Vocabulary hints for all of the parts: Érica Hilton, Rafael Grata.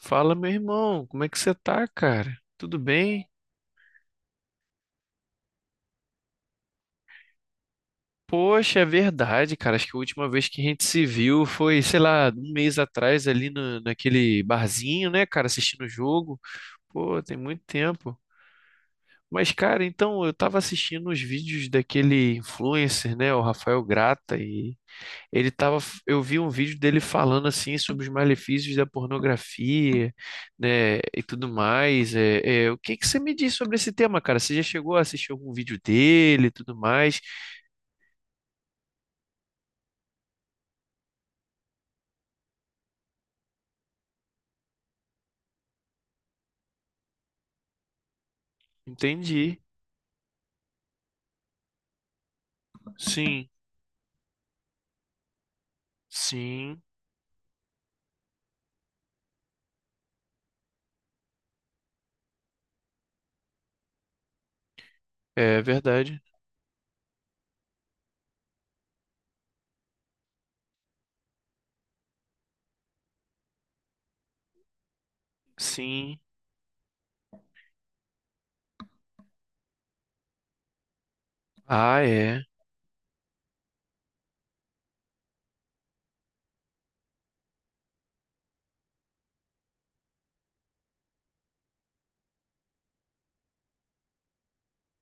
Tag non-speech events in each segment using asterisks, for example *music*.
Fala, meu irmão, como é que você tá, cara? Tudo bem? Poxa, é verdade, cara. Acho que a última vez que a gente se viu foi, sei lá, um mês atrás ali no, naquele barzinho, né, cara, assistindo o jogo. Pô, tem muito tempo. Mas, cara, então eu tava assistindo os vídeos daquele influencer, né, o Rafael Grata, e ele tava, eu vi um vídeo dele falando assim sobre os malefícios da pornografia, né, e tudo mais. O que que você me diz sobre esse tema, cara? Você já chegou a assistir algum vídeo dele e tudo mais? Entendi. Sim, sim, é verdade. Sim. Ah, é.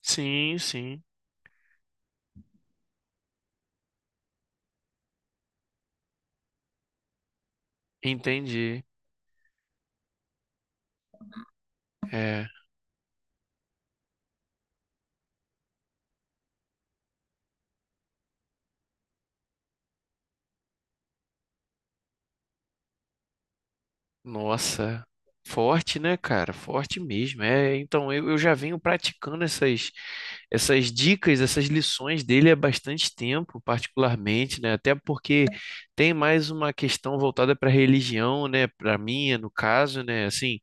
Sim, sim. Entendi. É. Nossa, forte, né, cara? Forte mesmo. É, então eu já venho praticando essas, essas dicas, essas lições dele há bastante tempo, particularmente, né? Até porque tem mais uma questão voltada para religião, né? Para minha, no caso, né? Assim,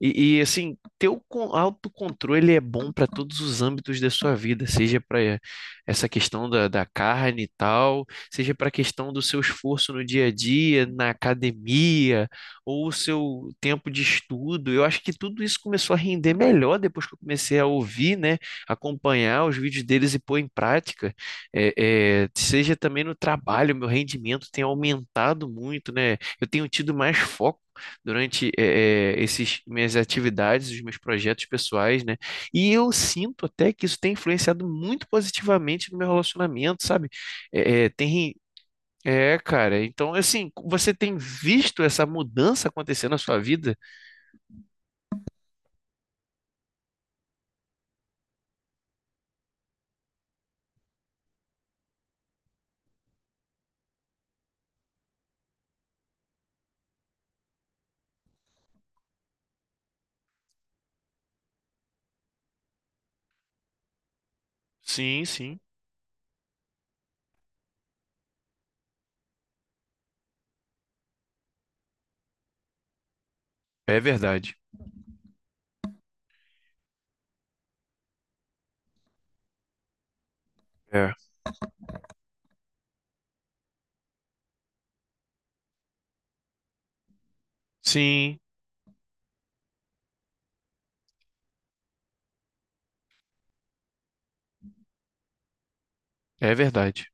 assim, ter o autocontrole é bom para todos os âmbitos da sua vida, seja para essa questão da carne e tal, seja para a questão do seu esforço no dia a dia, na academia ou o seu tempo de estudo. Eu acho que tudo isso começou a render melhor depois que eu comecei a ouvir, né, acompanhar os vídeos deles e pôr em prática. É, seja também no trabalho, meu rendimento tem aumentado muito, né? Eu tenho tido mais foco durante esses minhas atividades, os meus projetos pessoais, né? E eu sinto até que isso tem influenciado muito positivamente no meu relacionamento, sabe? Tem é, cara. Então, assim, você tem visto essa mudança acontecer na sua vida? Sim, sim. É verdade. É. Sim, é verdade.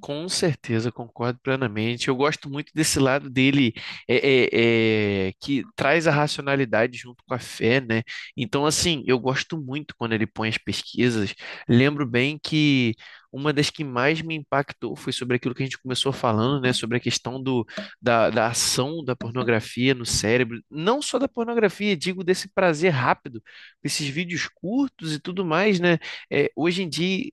Com certeza, concordo plenamente. Eu gosto muito desse lado dele, é, que traz a racionalidade junto com a fé, né? Então, assim, eu gosto muito quando ele põe as pesquisas. Lembro bem que uma das que mais me impactou foi sobre aquilo que a gente começou falando, né? Sobre a questão da ação da pornografia no cérebro. Não só da pornografia, digo desse prazer rápido, esses vídeos curtos e tudo mais, né? É, hoje em dia.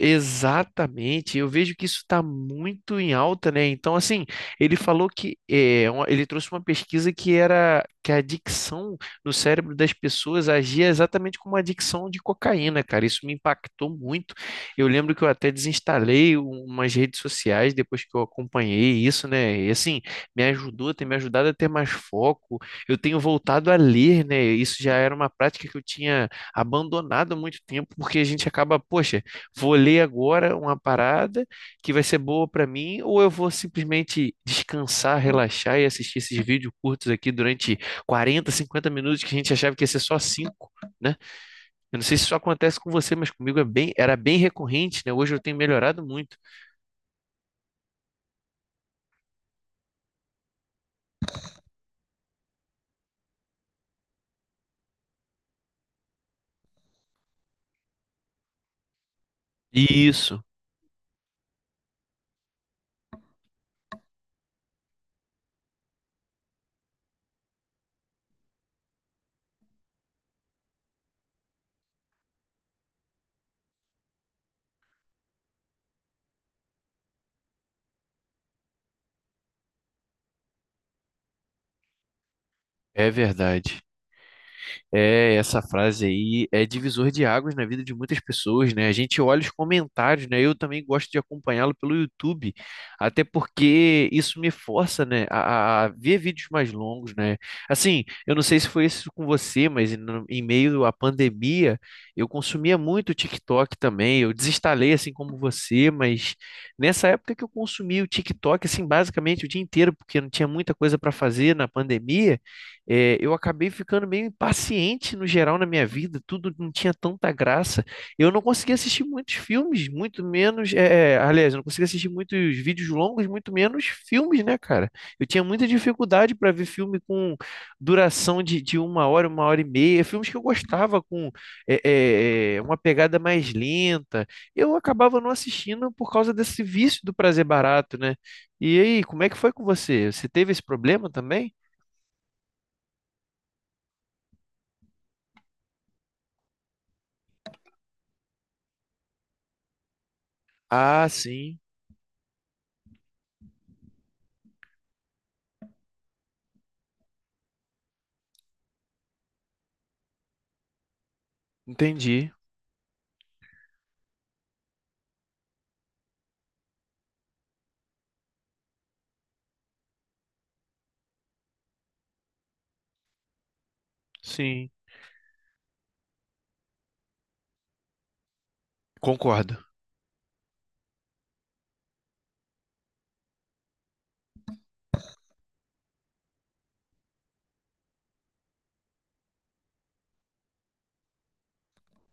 Exatamente, eu vejo que isso está muito em alta, né? Então, assim, ele falou que ele trouxe uma pesquisa que era que a adicção no cérebro das pessoas agia exatamente como a adicção de cocaína, cara. Isso me impactou muito. Eu lembro que eu até desinstalei umas redes sociais depois que eu acompanhei isso, né? E assim, me ajudou, tem me ajudado a ter mais foco. Eu tenho voltado a ler, né? Isso já era uma prática que eu tinha abandonado há muito tempo, porque a gente acaba, poxa. Vou ler agora uma parada que vai ser boa para mim, ou eu vou simplesmente descansar, relaxar e assistir esses vídeos curtos aqui durante 40, 50 minutos que a gente achava que ia ser só 5, né? Eu não sei se isso acontece com você, mas comigo é bem, era bem recorrente, né? Hoje eu tenho melhorado muito. Isso, é verdade. É, essa frase aí é divisor de águas na vida de muitas pessoas, né? A gente olha os comentários, né? Eu também gosto de acompanhá-lo pelo YouTube, até porque isso me força, né, a ver vídeos mais longos, né? Assim, eu não sei se foi isso com você, mas em meio à pandemia, eu consumia muito o TikTok também. Eu desinstalei, assim como você, mas nessa época que eu consumia o TikTok, assim, basicamente o dia inteiro, porque não tinha muita coisa para fazer na pandemia, é, eu acabei ficando meio impaciente no geral na minha vida, tudo não tinha tanta graça. Eu não conseguia assistir muitos filmes, muito menos. É, aliás, eu não conseguia assistir muitos vídeos longos, muito menos filmes, né, cara? Eu tinha muita dificuldade para ver filme com duração de uma hora e meia, filmes que eu gostava com uma pegada mais lenta. Eu acabava não assistindo por causa desse vício do prazer barato, né? E aí, como é que foi com você? Você teve esse problema também? Ah, sim. Entendi. Sim. Concordo.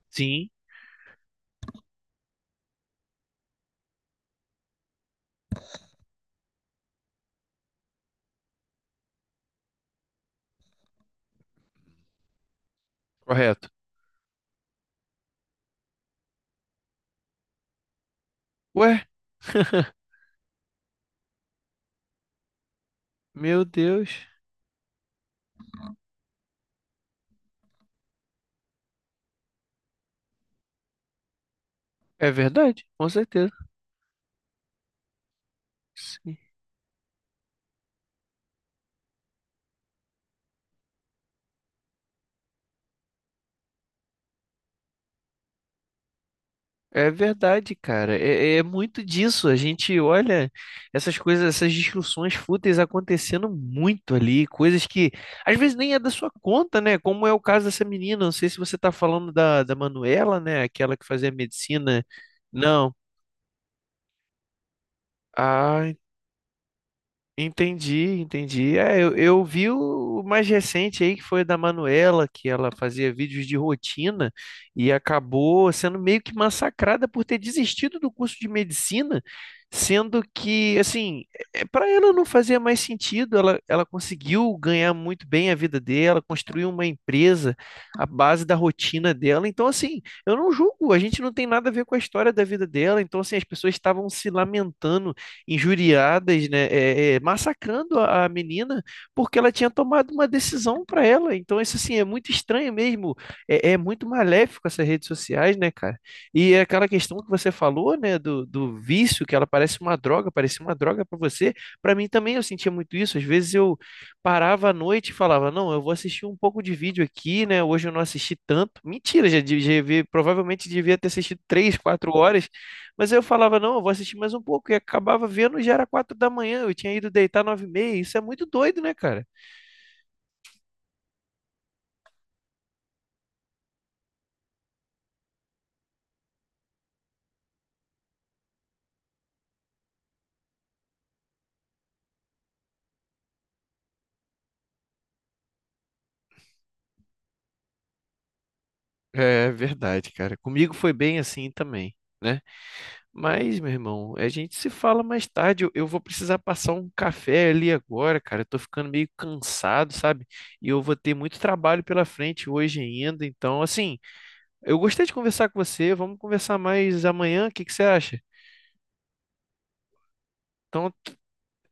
Sim. Correto. Ué, meu Deus. É verdade, com certeza. Sim. É verdade, cara. É, é muito disso. A gente olha essas coisas, essas discussões fúteis acontecendo muito ali, coisas que às vezes nem é da sua conta, né? Como é o caso dessa menina. Não sei se você tá falando da Manuela, né? Aquela que fazia medicina. Não. Ah, entendi, entendi. É, eu vi o mais recente aí, que foi da Manuela, que ela fazia vídeos de rotina e acabou sendo meio que massacrada por ter desistido do curso de medicina, sendo que, assim, para ela não fazia mais sentido. Ela conseguiu ganhar muito bem a vida dela, construiu uma empresa à base da rotina dela. Então, assim, eu não julgo, a gente não tem nada a ver com a história da vida dela. Então, assim, as pessoas estavam se lamentando injuriadas, né, massacrando a menina porque ela tinha tomado uma decisão para ela. Então, isso assim é muito estranho mesmo. É, é muito maléfico essas redes sociais, né, cara? E é aquela questão que você falou, né, do vício, que ela parece uma droga, parecia uma droga para você. Para mim também eu sentia muito isso. Às vezes eu parava à noite e falava: "Não, eu vou assistir um pouco de vídeo aqui, né? Hoje eu não assisti tanto." Mentira, já provavelmente devia ter assistido 3, 4 horas, mas aí eu falava: "Não, eu vou assistir mais um pouco." E acabava vendo, já era 4 da manhã. Eu tinha ido deitar 9 e meia. Isso é muito doido, né, cara? É verdade, cara. Comigo foi bem assim também, né? Mas, meu irmão, a gente se fala mais tarde. Eu vou precisar passar um café ali agora, cara. Eu tô ficando meio cansado, sabe? E eu vou ter muito trabalho pela frente hoje ainda. Então, assim, eu gostei de conversar com você. Vamos conversar mais amanhã. O que que você acha? Então,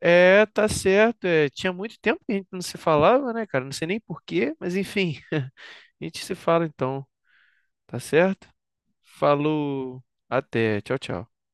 é, tá certo. É, tinha muito tempo que a gente não se falava, né, cara? Não sei nem por quê, mas enfim, *laughs* a gente se fala então, tá certo? Falou, até, tchau, tchau.